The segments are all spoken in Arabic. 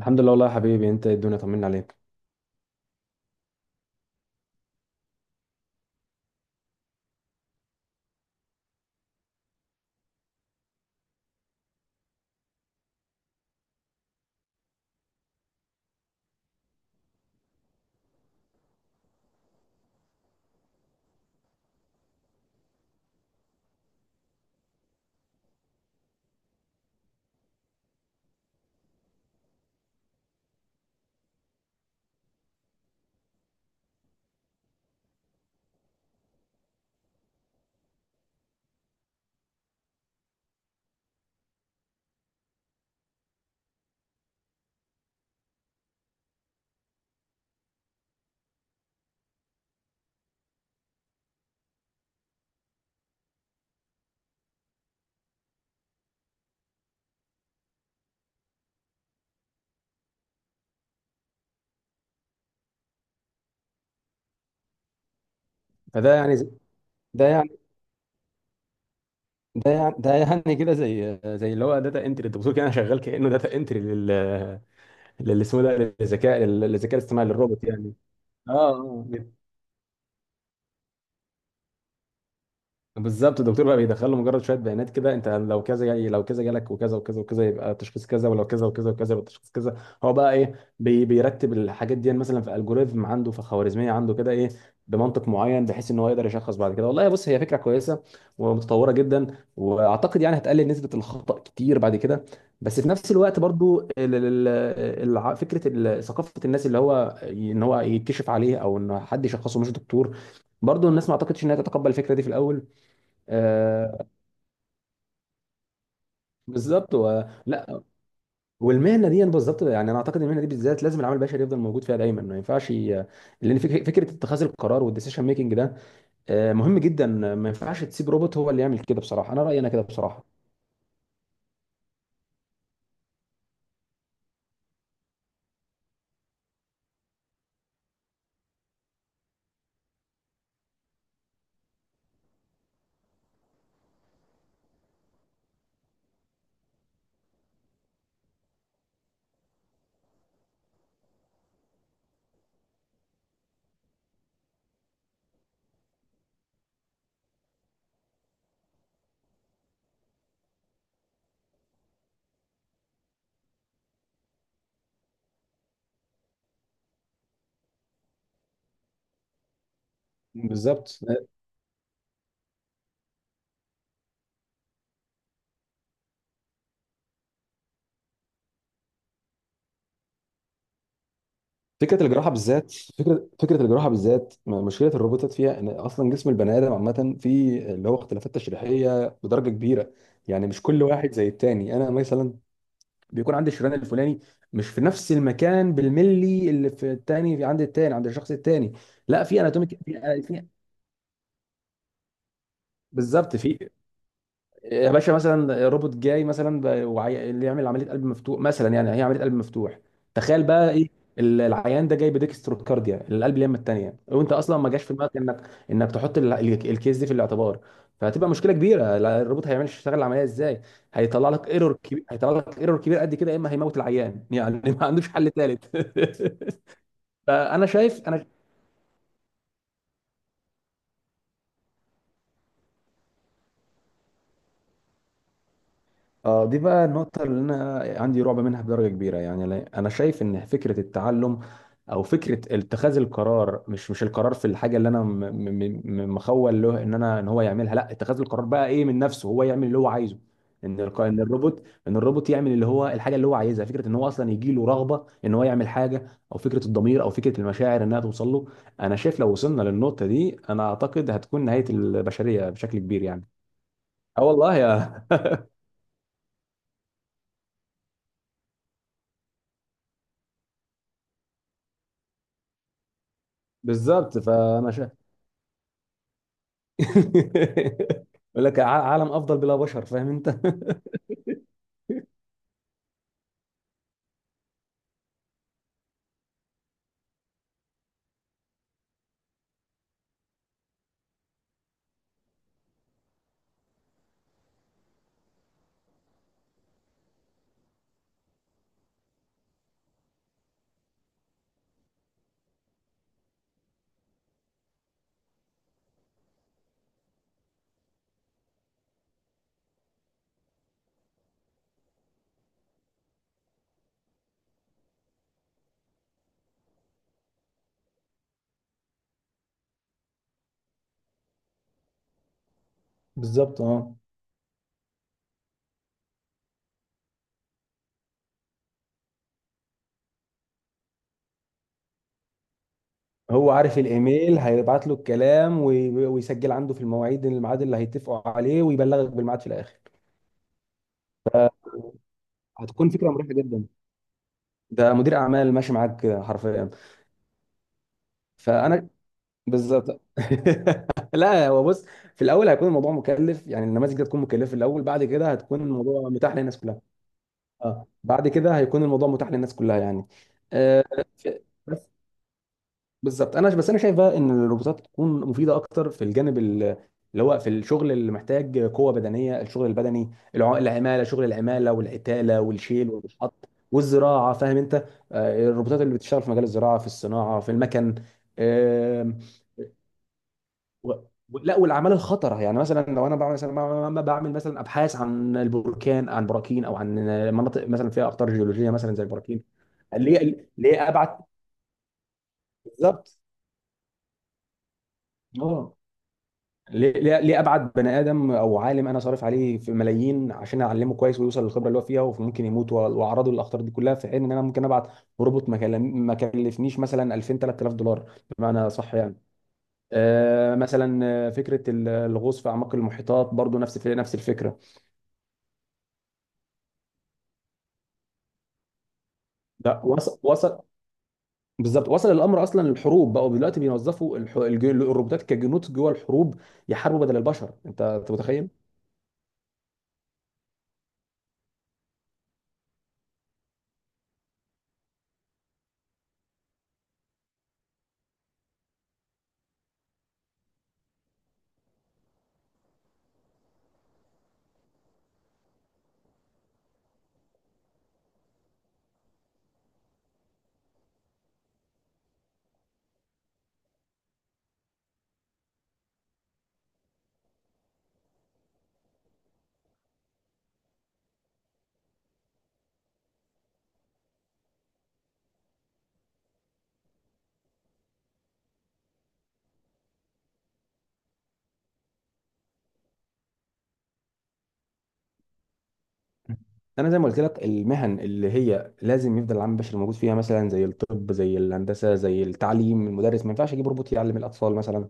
الحمد لله، والله يا حبيبي، انت الدنيا طمنا عليك. فده يعني ده يعني ده يعني ده يعني كده زي اللي هو داتا انتري، انت بتقول كده، انا شغال كانه داتا انتري لل اسمه ده، للذكاء الاصطناعي، للروبوت يعني. اه، اه، بالظبط. الدكتور بقى بيدخل له مجرد شويه بيانات كده، انت لو كذا جاي، لو كذا جالك وكذا وكذا وكذا يبقى تشخيص كذا، ولو كذا وكذا وكذا يبقى تشخيص كذا. هو بقى ايه، بيرتب الحاجات دي، مثلا في الجوريزم عنده، في خوارزميه عنده كده، ايه، بمنطق معين بحيث ان هو يقدر يشخص بعد كده. والله بص، هي فكره كويسه ومتطوره جدا، واعتقد يعني هتقلل نسبه الخطا كتير بعد كده. بس في نفس الوقت برضو ثقافه الناس اللي هو ان هو يتكشف عليه، او ان حد يشخصه مش دكتور، برضو الناس ما اعتقدش انها تتقبل الفكره دي في الاول. آه، بالظبط. لا، والمهنه دي بالظبط، يعني انا اعتقد المهنه دي بالذات لازم العامل البشري يفضل موجود فيها دايما، ما ينفعش ي... لان فكره اتخاذ القرار والديسيشن ميكنج ده مهم جدا. ما ينفعش تسيب روبوت هو اللي يعمل كده، بصراحه انا رايي انا كده بصراحه. بالظبط. فكره الجراحه بالذات، مشكله الروبوتات فيها ان اصلا جسم البني ادم عامه فيه اللي هو اختلافات تشريحيه بدرجه كبيره. يعني مش كل واحد زي التاني، انا مثلا بيكون عند الشريان الفلاني مش في نفس المكان بالملي اللي في التاني، في عند التاني، عند الشخص التاني. لا، في اناتوميك، بالظبط، في يا باشا، مثلا روبوت جاي مثلا اللي يعمل عمليه قلب مفتوح مثلا، يعني هي عمليه قلب مفتوح. تخيل بقى ايه، العيان ده جاي بديكستروكارديا، القلب اليمه الثانيه، وانت اصلا ما جاش في دماغك انك تحط الكيس دي في الاعتبار. فهتبقى مشكله كبيره. لا، الروبوت هيعمل يشتغل العمليه ازاي؟ هيطلع لك ايرور كبير، هيطلع لك ايرور كبير قد كده، يا اما هيموت العيان يعني. ما عندوش حل ثالث. فانا شايف انا. اه دي بقى النقطة اللي أنا عندي رعب منها بدرجة كبيرة يعني. أنا شايف إن فكرة التعلم أو فكرة اتخاذ القرار، مش القرار في الحاجة اللي أنا مخول له، إن هو يعملها، لا، اتخاذ القرار بقى إيه من نفسه، هو يعمل اللي هو عايزه. إن الروبوت يعمل اللي هو الحاجة اللي هو عايزها، فكرة إن هو أصلا يجي له رغبة إن هو يعمل حاجة، أو فكرة الضمير، أو فكرة المشاعر إنها توصل له. أنا شايف لو وصلنا للنقطة دي، أنا أعتقد هتكون نهاية البشرية بشكل كبير يعني. اه والله يا. بالظبط، فانا شايف. يقول لك عالم افضل بلا بشر، فاهم انت؟ بالظبط. اه هو عارف الايميل هيبعت له الكلام ويسجل عنده في المواعيد، الميعاد اللي هيتفقوا عليه، ويبلغك بالميعاد في الاخر. هتكون فكره مريحه جدا. ده مدير اعمال ماشي معاك كده حرفيا. فانا. بالظبط. لا، هو بص، في الاول هيكون الموضوع مكلف، يعني النماذج دي هتكون مكلفه في الاول، بعد كده هتكون الموضوع متاح للناس كلها. اه بعد كده هيكون الموضوع متاح للناس كلها يعني. آه، بالظبط. انا بس انا شايف بقى ان الروبوتات تكون مفيده اكتر في الجانب اللي هو في الشغل اللي محتاج قوه بدنيه، الشغل البدني، العماله، شغل العماله والعتاله والشيل والشحط والزراعه، فاهم انت؟ الروبوتات اللي بتشتغل في مجال الزراعه، في الصناعه، في المكن. آم، و- لا، والاعمال الخطره، يعني مثلا لو انا بعمل مثلا، بعمل مثلا ابحاث عن البركان، عن براكين، او عن مناطق مثلا فيها اخطار جيولوجيه، مثلا زي البراكين. اللي هي اللي هي ابعد. بالظبط. اه، ليه ليه ليه ابعد بني ادم او عالم انا صارف عليه في ملايين عشان اعلمه كويس ويوصل للخبره اللي هو فيها، وممكن يموت، واعرضه للاخطار دي كلها، في حين ان انا ممكن ابعت روبوت ما كلفنيش مثلا 2000 3000 دولار. بمعنى صح يعني. مثلا، فكره الغوص في اعماق المحيطات برضو نفس نفس الفكره. ده وصل. بالظبط، وصل الامر اصلا للحروب، بقوا دلوقتي بيوظفوا الروبوتات كجنود جوه الحروب، يحاربوا بدل البشر. انت متخيل؟ انا زي ما قلت لك، المهن اللي هي لازم يفضل العامل البشري موجود فيها، مثلا زي الطب، زي الهندسه، زي التعليم. المدرس ما ينفعش اجيب روبوت يعلم الاطفال مثلا.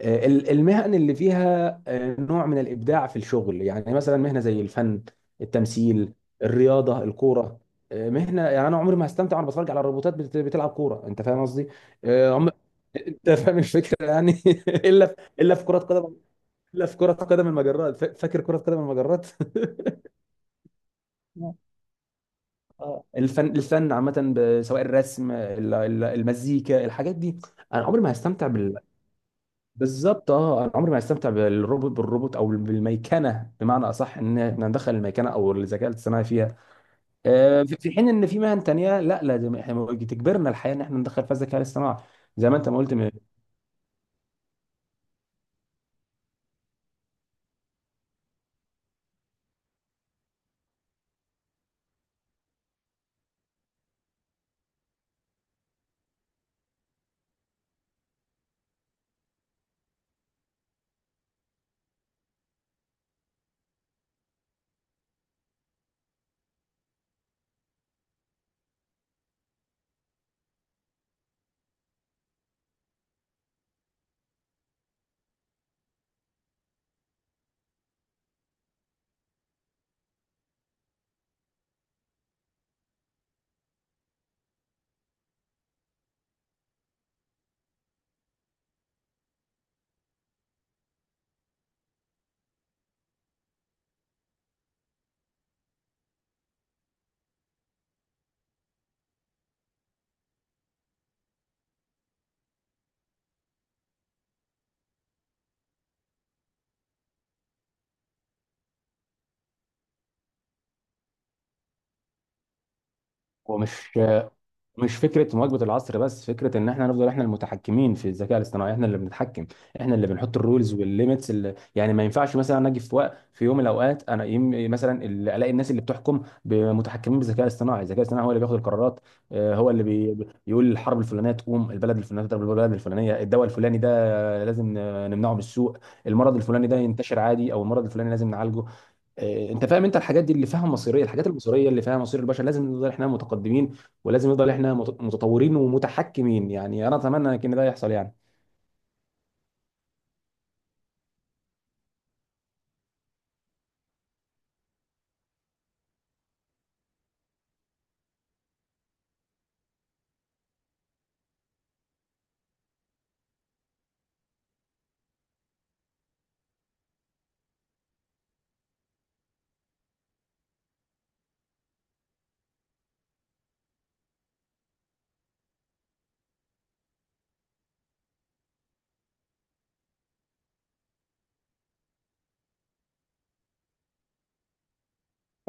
المهن اللي فيها نوع من الابداع في الشغل، يعني مثلا مهنه زي الفن، التمثيل، الرياضه، الكوره. مهنه يعني انا عمري ما هستمتع وانا بتفرج على الروبوتات بتلعب كوره، انت فاهم قصدي؟ آه، عم... انت فاهم الفكره يعني. الا في... الا في كره قدم، الا في كره قدم المجرات، فاكر كره قدم المجرات؟ اه، الفن الفن عامة، سواء الرسم، المزيكا، الحاجات دي. انا عمري ما هستمتع بال. بالظبط. اه، انا عمري ما هستمتع بالروبوت او بالميكنه بمعنى اصح، ان احنا ندخل الميكنه او الذكاء الاصطناعي فيها. في، في حين ان في مهن تانية، لا لازم احنا، تجبرنا الحياه ان احنا ندخل فيها الذكاء الاصطناعي، زي ما انت ما قلت هو مش فكره مواكبه العصر بس، فكره ان احنا نفضل احنا المتحكمين في الذكاء الاصطناعي، احنا اللي بنتحكم، احنا اللي بنحط الرولز والليميتس. اللي يعني ما ينفعش مثلا انا اجي في وقت، في يوم من الاوقات، انا مثلا الاقي الناس اللي بتحكم متحكمين بالذكاء الاصطناعي، الذكاء الاصطناعي هو اللي بياخد القرارات. هو اللي يقول الحرب الفلانيه تقوم، البلد الفلانيه تضرب البلد الفلانيه، الدواء الفلاني ده لازم نمنعه من السوق، المرض الفلاني ده ينتشر عادي، او المرض الفلاني لازم نعالجه. انت فاهم؟ انت الحاجات دي اللي فيها مصيريه، الحاجات المصيريه اللي فيها مصير البشر لازم نفضل احنا متقدمين، ولازم نفضل احنا متطورين ومتحكمين، يعني انا اتمنى ان ده يحصل يعني.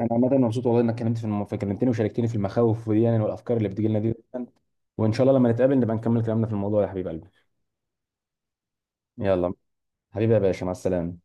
انا عامه مبسوط والله انك كلمتني وشاركتني في المخاوف دي يعني، والافكار اللي بتجي لنا دي. وان شاء الله لما نتقابل نبقى نكمل كلامنا في الموضوع، يا حبيب قلبي. يلا، حبيبي يا باشا، مع السلامه.